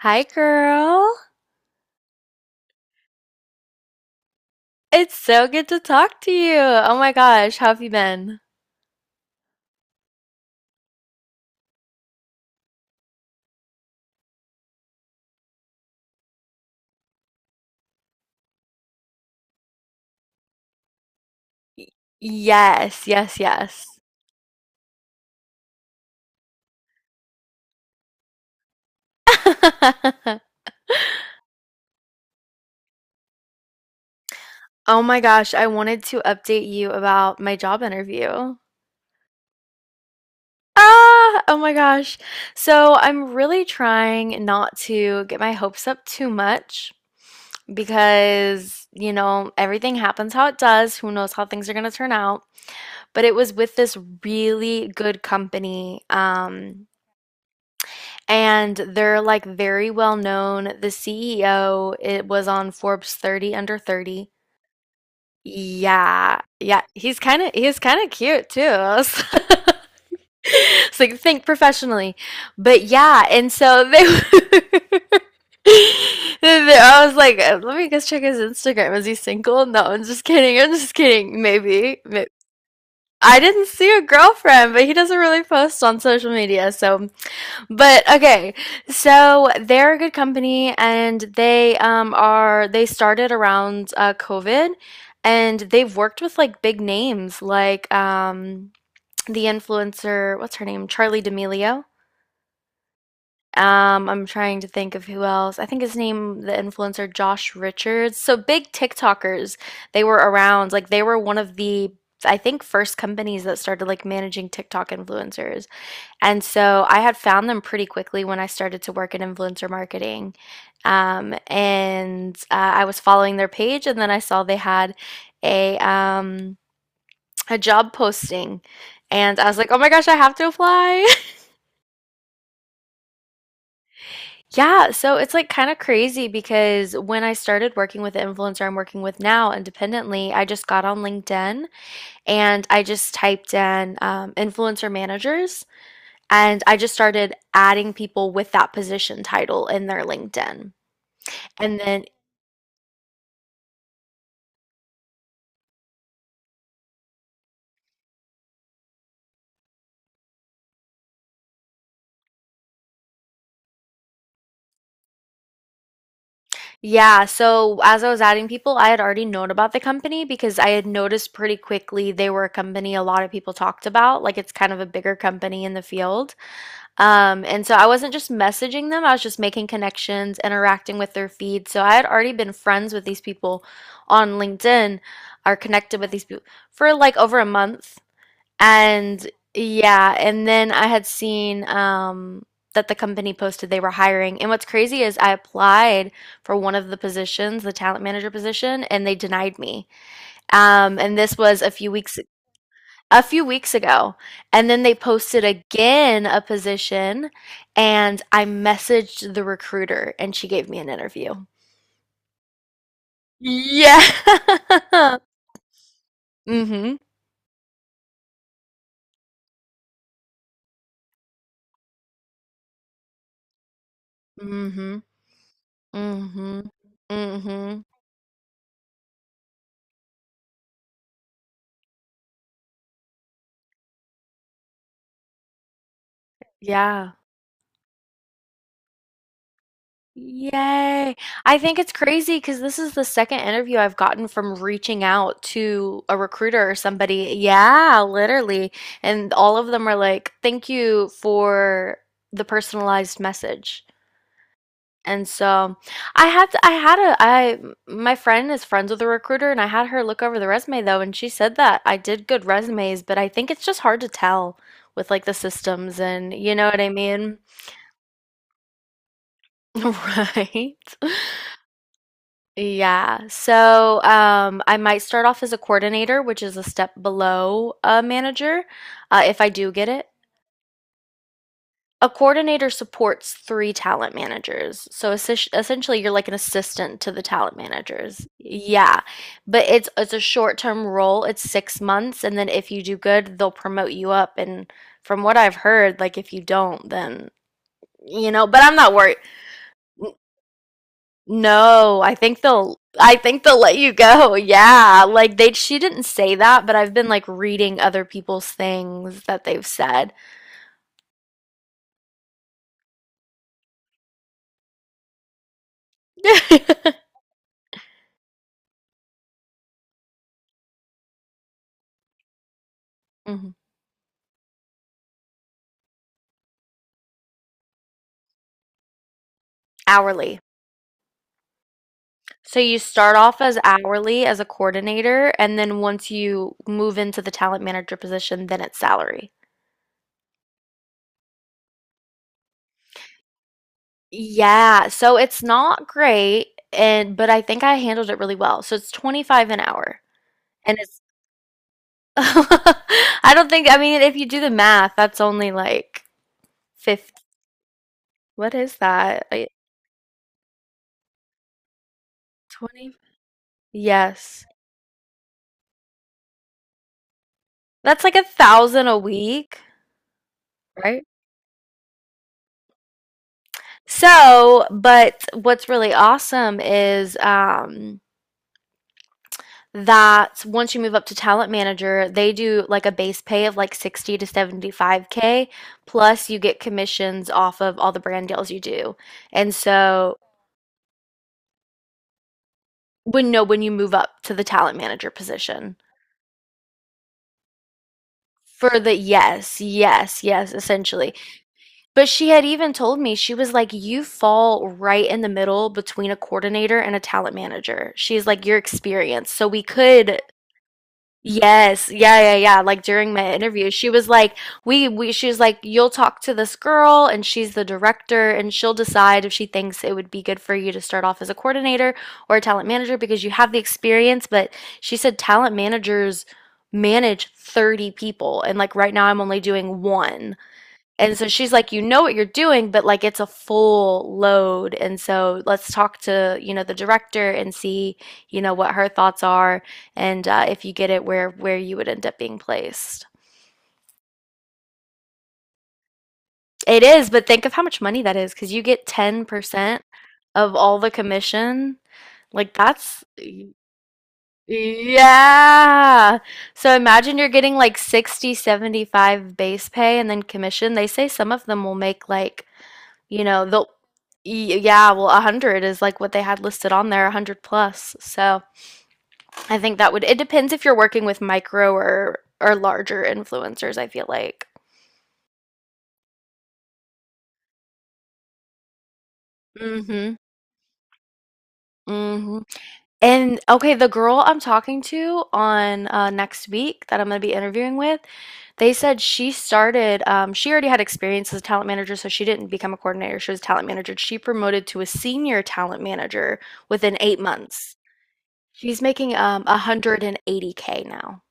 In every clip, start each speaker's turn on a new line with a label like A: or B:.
A: Hi, girl. It's so good to talk to you. Oh my gosh, how have you been? Yes, yes, yes. Oh my gosh, I wanted to update you about my job interview. Ah, oh my gosh. So I'm really trying not to get my hopes up too much because everything happens how it does. Who knows how things are going to turn out? But it was with this really good company. And they're like very well known. The CEO, it was on Forbes 30 under 30. Yeah. Yeah, he's kind of cute too. It's like think professionally. But yeah, and so they I was like, let me just check his Instagram. Is he single? No, I'm just kidding. I'm just kidding. Maybe. I didn't see a girlfriend, but he doesn't really post on social media, so but okay, so they're a good company and they started around COVID and they've worked with like big names like the influencer, what's her name? Charlie D'Amelio. I'm trying to think of who else. I think his name, the influencer Josh Richards. So big TikTokers, they were around. Like they were one of the, I think, first companies that started like managing TikTok influencers. And so I had found them pretty quickly when I started to work in influencer marketing. And I was following their page, and then I saw they had a um, a job posting, and I was like, "Oh my gosh, I have to apply!" Yeah, so it's like kind of crazy because when I started working with the influencer I'm working with now independently, I just got on LinkedIn and I just typed in influencer managers. And I just started adding people with that position title in their LinkedIn. And then, yeah, so as I was adding people, I had already known about the company because I had noticed pretty quickly they were a company a lot of people talked about. Like it's kind of a bigger company in the field. And so I wasn't just messaging them, I was just making connections, interacting with their feed. So I had already been friends with these people on LinkedIn or connected with these people for like over a month. And yeah, and then I had seen that the company posted they were hiring. And what's crazy is I applied for one of the positions, the talent manager position, and they denied me. And this was a few weeks ago. And then they posted again a position, and I messaged the recruiter, and she gave me an interview. Yeah. Mm-hmm. Mm-hmm. Mm-hmm. Mm-hmm. Yeah. Yay. I think it's crazy because this is the second interview I've gotten from reaching out to a recruiter or somebody. Yeah, literally. And all of them are like, thank you for the personalized message. And so I had a I my friend is friends with a recruiter and I had her look over the resume though and she said that I did good resumes, but I think it's just hard to tell with like the systems and you know what I mean? Right. Yeah. So, I might start off as a coordinator, which is a step below a manager, if I do get it. A coordinator supports three talent managers. So essentially, you're like an assistant to the talent managers. Yeah. But it's a short-term role. It's 6 months, and then if you do good, they'll promote you up. And from what I've heard, like if you don't, then you know, but I'm not worried. No, I think they'll let you go. Yeah. Like they she didn't say that, but I've been like reading other people's things that they've said. Mhm. Hourly. So you start off as hourly as a coordinator, and then once you move into the talent manager position, then it's salary. Yeah, so it's not great, and but I think I handled it really well. So it's 25 an hour. And it's I don't think I mean if you do the math, that's only like 50. What is that? Like 20? Yes. That's like 1,000 a week, right? So, but what's really awesome is that once you move up to talent manager, they do like a base pay of like 60 to 75K plus you get commissions off of all the brand deals you do. And so when, no, when you move up to the talent manager position. For the yes, yes, yes, essentially. But she had even told me, she was like, "You fall right in the middle between a coordinator and a talent manager." She's like, "Your experience. So we could." Yes, yeah, yeah, yeah. Like during my interview, she was like, "We, we." She was like, "You'll talk to this girl, and she's the director, and she'll decide if she thinks it would be good for you to start off as a coordinator or a talent manager because you have the experience." But she said talent managers manage 30 people, and like right now, I'm only doing one. And so she's like, you know what you're doing, but like it's a full load. And so let's talk to the director and see what her thoughts are and if you get it where you would end up being placed. It is, but think of how much money that is because you get 10% of all the commission. Like that's yeah. So imagine you're getting like 60, 75 base pay and then commission. They say some of them will make like You know, the y- yeah, well, 100 is like what they had listed on there, 100 plus. So I think that would, it depends if you're working with micro or larger influencers, I feel like. Mm-hmm. Mm-hmm. And okay, the girl I'm talking to on next week that I'm going to be interviewing with, they said she already had experience as a talent manager, so she didn't become a coordinator. She was a talent manager. She promoted to a senior talent manager within 8 months. She's making 180K now.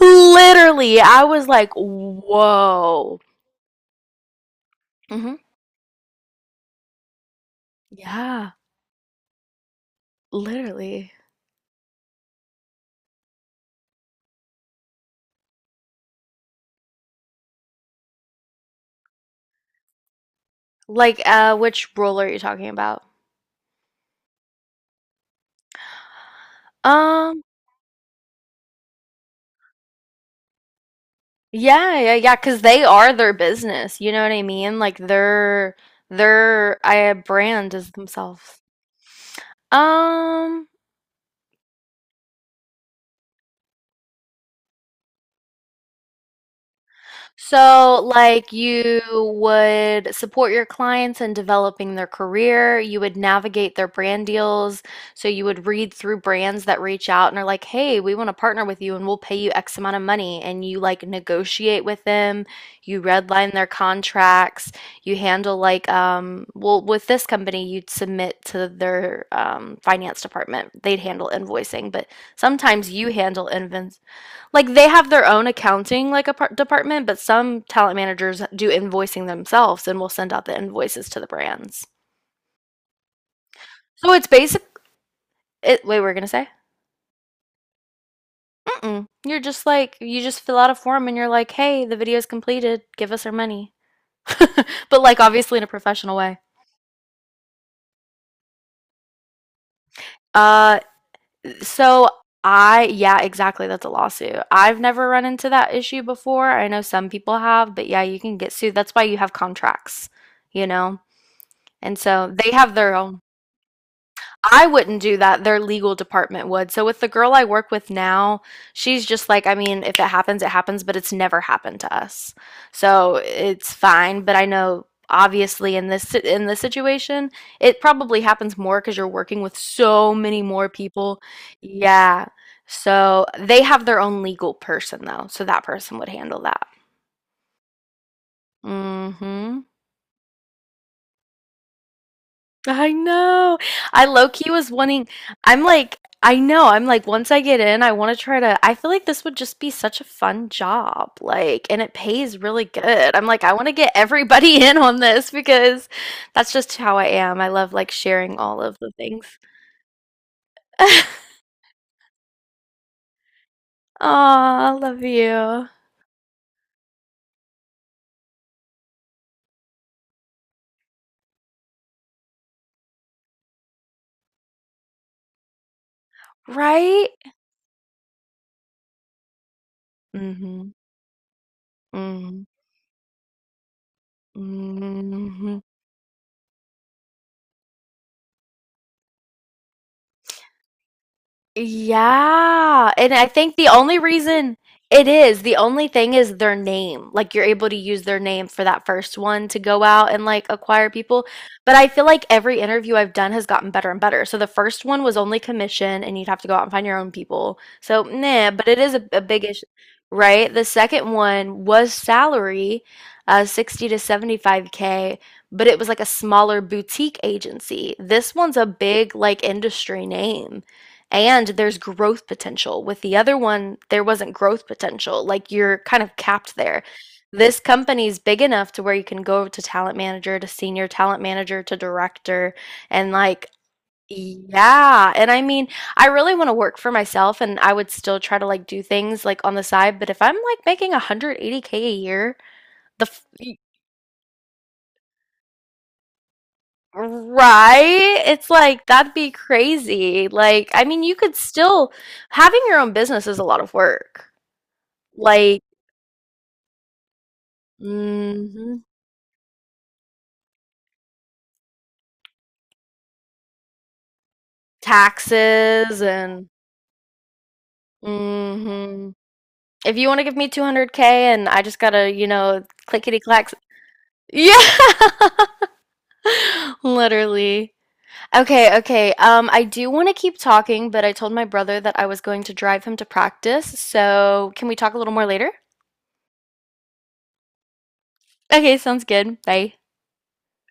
A: Literally, I was like, whoa. Hmm. Yeah, literally. Like, which role are you talking about? Um, yeah, yeah, yeah, because they are their business. You know what I mean? Like their I brand is themselves. Um, So, like, you would support your clients in developing their career. You would navigate their brand deals. So, you would read through brands that reach out and are like, hey, we want to partner with you and we'll pay you X amount of money. And you like negotiate with them. You redline their contracts. You handle, like, well, with this company, you'd submit to their finance department. They'd handle invoicing, but sometimes you handle invoicing like they have their own accounting like a department, but some talent managers do invoicing themselves and will send out the invoices to the brands. So it's basic. It, wait, we're gonna say? Mm-mm. You're just like you just fill out a form and you're like, hey, the video's completed. Give us our money, but like obviously in a professional way. Uh, so I yeah, exactly. That's a lawsuit. I've never run into that issue before. I know some people have, but yeah, you can get sued. That's why you have contracts, you know. And so they have their own. I wouldn't do that. Their legal department would. So with the girl I work with now, she's just like, I mean, if it happens, it happens, but it's never happened to us. So it's fine, but I know obviously in this situation, it probably happens more cuz you're working with so many more people. Yeah. So they have their own legal person though. So that person would handle that. Mhm. I know. I low key was wanting. I'm like, I know. I'm like, once I get in, I want to try to. I feel like this would just be such a fun job. Like, and it pays really good. I'm like, I want to get everybody in on this because that's just how I am. I love like sharing all of the things. Aw, love you. Right? Mm-hmm. Mm-hmm. Mm-hmm. Yeah. And I think the only thing is their name. Like you're able to use their name for that first one to go out and like acquire people. But I feel like every interview I've done has gotten better and better. So the first one was only commission and you'd have to go out and find your own people. So, nah, but it is a big issue, right? The second one was salary, 60 to 75K, but it was like a smaller boutique agency. This one's a big like industry name and there's growth potential. With the other one, there wasn't growth potential. Like you're kind of capped there. This company's big enough to where you can go to talent manager, to senior talent manager, to director, and like, yeah. And I mean, I really want to work for myself and I would still try to like do things like on the side, but if I'm like making 180K a year, the f- y- right? It's like that'd be crazy. Like, I mean, you could still having your own business is a lot of work. Like, hmm taxes and hmm if you want to give me 200K and I just gotta clickety clacks. Yeah, literally. Okay, okay. I do want to keep talking, but I told my brother that I was going to drive him to practice. So, can we talk a little more later? Okay, sounds good. Bye.